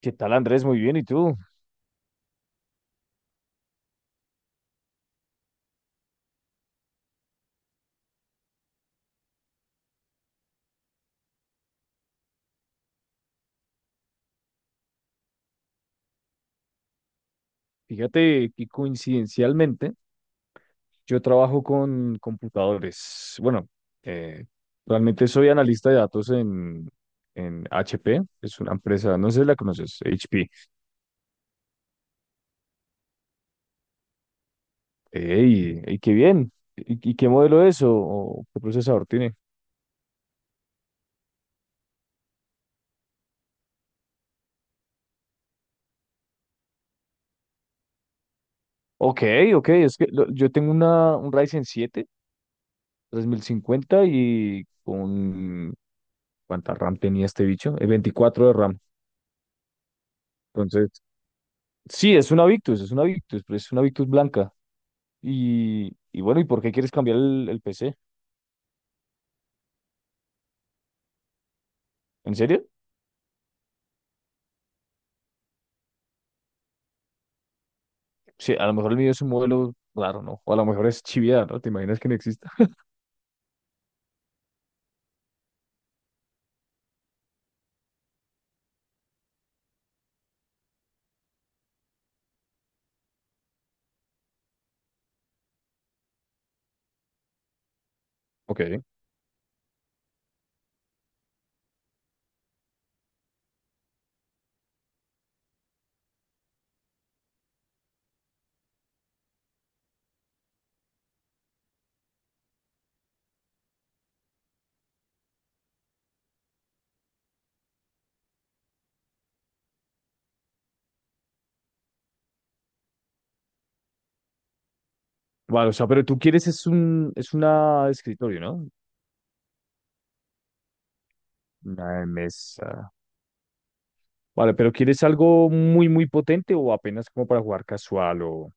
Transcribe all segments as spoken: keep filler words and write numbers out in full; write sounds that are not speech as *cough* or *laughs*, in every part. ¿Qué tal, Andrés? Muy bien, ¿y tú? Fíjate que coincidencialmente yo trabajo con computadores. Bueno, eh, realmente soy analista de datos en, en, H P, es una empresa, no sé si la conoces, H P. ¡Ey! ¡Ey, qué bien! ¿Y, y qué modelo es o, o qué procesador tiene? Ok, ok, es que lo- yo tengo una, un Ryzen siete tres mil cincuenta y con... ¿Cuánta RAM tenía este bicho? Eh, veinticuatro de RAM. Entonces, sí, es una Victus, es una Victus, pero es una Victus blanca. Y, y bueno, ¿y por qué quieres cambiar el, el P C? ¿En serio? Sí, a lo mejor el mío es un modelo raro, ¿no? O a lo mejor es chiviada, ¿no? ¿Te imaginas que no exista? *laughs* Ok. Vale, o sea, pero tú quieres es un, es una escritorio, ¿no? Una mesa. Vale, pero ¿quieres algo muy, muy potente o apenas como para jugar casual o...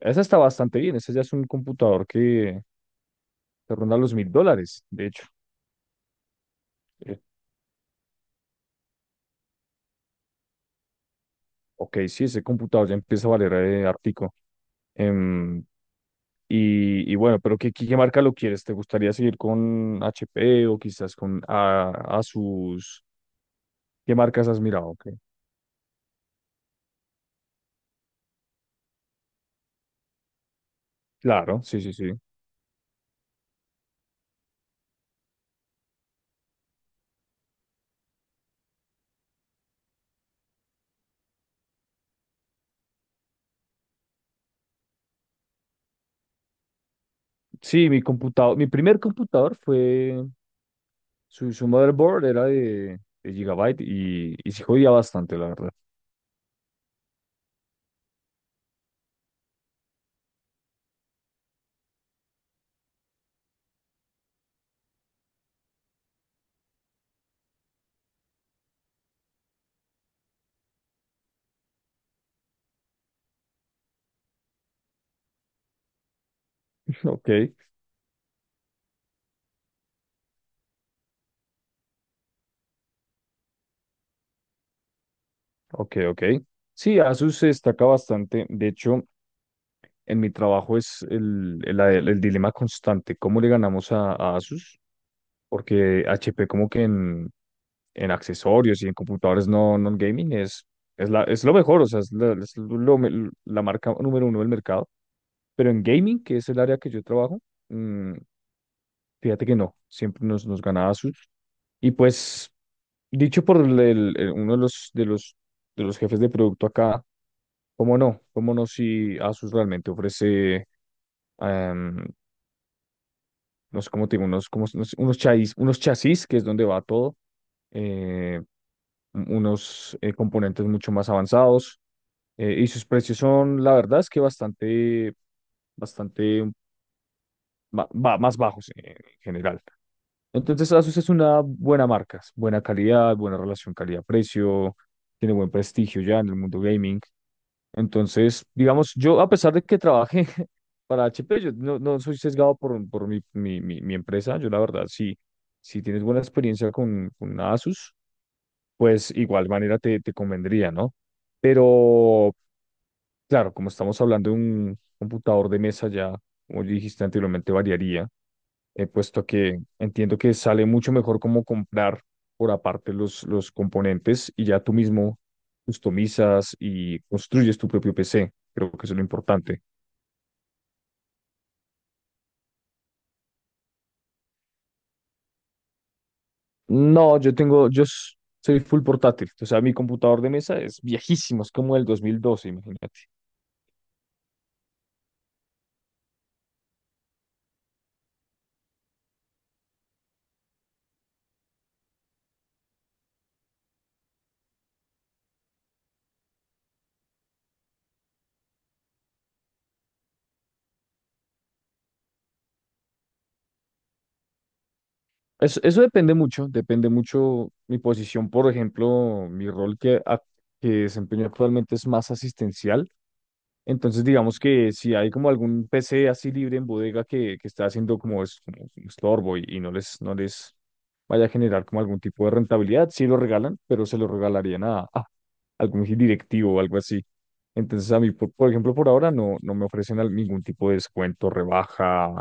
Esa está bastante bien, esa ya es un computador que te ronda los mil dólares, de hecho. Eh, ok, sí, ese computador ya empieza a valer eh, ártico. Y, y bueno, pero ¿qué, qué, marca lo quieres? ¿Te gustaría seguir con H P o quizás con a, Asus? ¿Qué marcas has mirado? Ok. Claro, sí, sí, sí. Sí, mi computador, mi primer computador fue, su, su motherboard era de, de Gigabyte y, y sí jodía bastante, la verdad. *laughs* Ok, ok, ok. Sí, Asus se destaca bastante. De hecho, en mi trabajo es el, el, el dilema constante, ¿cómo le ganamos a, a Asus? Porque H P como que en, en, accesorios y en computadores no non-gaming es, es, la, es lo mejor, o sea, es, la, es lo me- la marca número uno del mercado. Pero en gaming, que es el área que yo trabajo, mm, fíjate que no, siempre nos, nos ganaba Asus. Y pues, dicho por el- el- el- uno de los, de los, de los jefes de producto acá, ¿cómo no? ¿Cómo no si Asus realmente ofrece, em, no sé cómo te digo, unos, como, unos, unos chasis, unos chasis, que es donde va todo, eh, unos eh, componentes mucho más avanzados. Eh, y sus precios son, la verdad, es que bastante, bastante ma- ba- más bajos eh, en general. Entonces, Asus es una buena marca, es buena calidad, buena relación calidad-precio, tiene buen prestigio ya en el mundo gaming. Entonces, digamos, yo a pesar de que trabajé *laughs* para H P, yo no, no soy sesgado por, por mi, mi, mi, mi empresa. Yo la verdad, sí, si tienes buena experiencia con, con una Asus, pues igual manera te, te convendría, ¿no? Pero, claro, como estamos hablando de un computador de mesa ya, como dijiste anteriormente, variaría, eh, puesto que entiendo que sale mucho mejor como comprar por aparte los, los componentes y ya tú mismo customizas y construyes tu propio P C. Creo que eso es lo importante. No, yo tengo, yo s- soy full portátil, o sea, mi computador de mesa es viejísimo, es como el dos mil doce, imagínate. Eso, eso depende mucho, depende mucho mi posición, por ejemplo, mi rol que, ac- que desempeño actualmente es más asistencial. Entonces, digamos que si hay como algún P C así libre en bodega que, que está haciendo como, es, como un estorbo y, y no les, no les vaya a generar como algún tipo de rentabilidad, sí lo regalan, pero se lo regalarían a, a algún directivo o algo así. Entonces, a mí, por, por ejemplo, por ahora no, no me ofrecen al- ningún tipo de descuento, rebaja,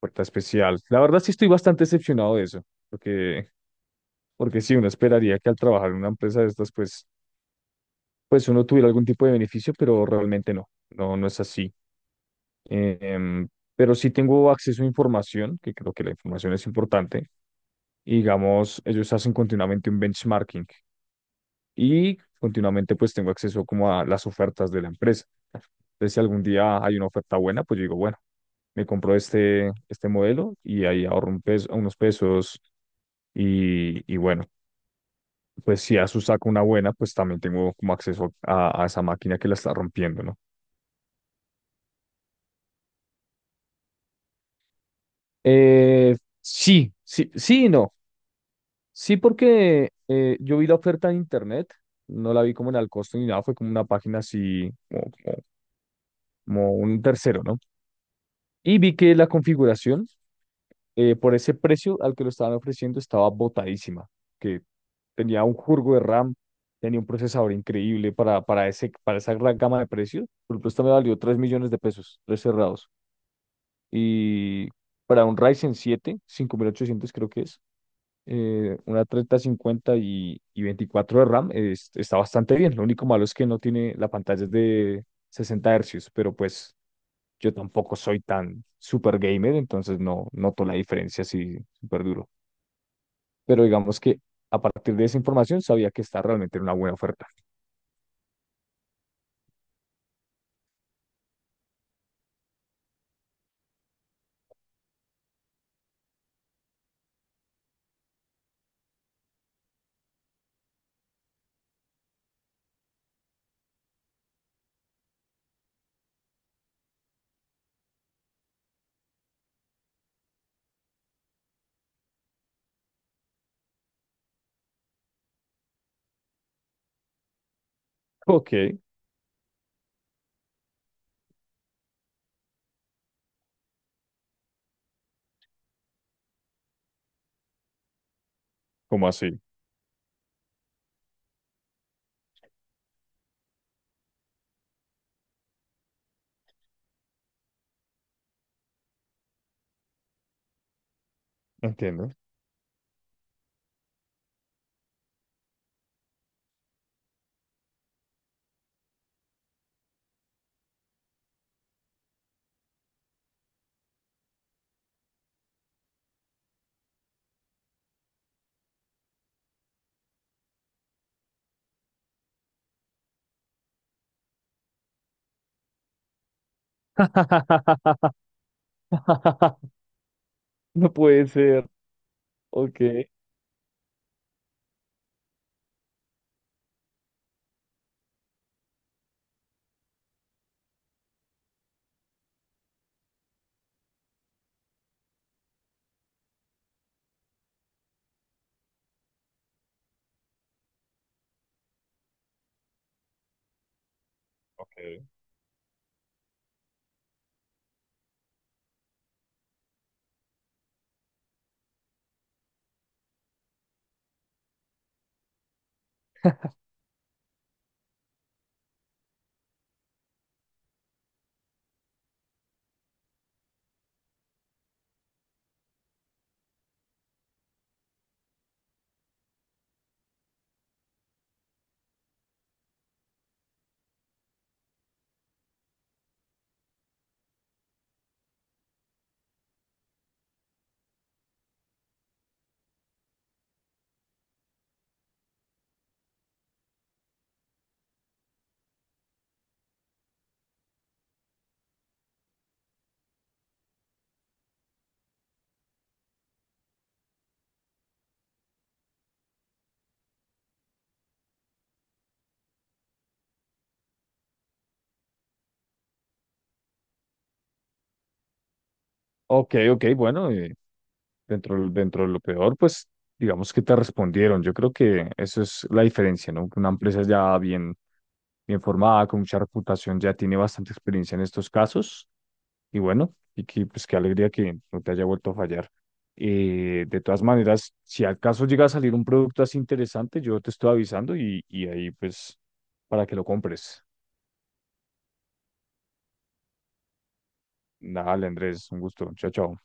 puerta especial. La verdad sí estoy bastante decepcionado de eso, porque, porque sí, uno esperaría que al trabajar en una empresa de estas, pues, pues uno tuviera algún tipo de beneficio, pero realmente no, no, no es así. Eh, em, pero sí tengo acceso a información, que creo que la información es importante, y digamos, ellos hacen continuamente un benchmarking y continuamente pues tengo acceso como a las ofertas de la empresa. Entonces, si algún día hay una oferta buena, pues yo digo, bueno me compro este, este modelo y ahí ahorro un peso, unos pesos. Y, y bueno, pues si Asus saca una buena, pues también tengo como acceso a, a esa máquina que la está rompiendo, ¿no? Eh, sí, sí, sí y no. Sí, porque eh, yo vi la oferta en internet, no la vi como en al costo ni nada, fue como una página así, como, como- como un tercero, ¿no? Y vi que la configuración eh, por ese precio al que lo estaban ofreciendo estaba botadísima, que tenía un jurgo de RAM, tenía un procesador increíble para, para, ese, para esa gran gama de precios. Por ejemplo, esta me valió tres millones de pesos, tres cerrados. Y para un Ryzen siete cinco mil ochocientos creo que es, eh, una treinta cincuenta y, y veinticuatro de RAM, es- está bastante bien. Lo único malo es que no tiene, la pantalla es de sesenta hercios, pero pues yo tampoco soy tan super gamer, entonces no noto la diferencia así súper duro, pero digamos que a partir de esa información sabía que está realmente en una buena oferta. *laughs* Ok, ¿cómo así? Entiendo. *laughs* No puede ser. Ok. Ok, ok, ok, bueno, eh, dentro, dentro de lo peor, pues digamos que te respondieron. Yo creo que eso es la diferencia, ¿no? Que una empresa ya bien, bien formada, con mucha reputación, ya tiene bastante experiencia en estos casos. Y bueno, y que, pues qué alegría que no te haya vuelto a fallar. Eh, de todas maneras, si al caso llega a salir un producto así interesante, yo te estoy avisando y, y ahí pues para que lo compres. Dale, Andrés, un gusto. Chao, chao.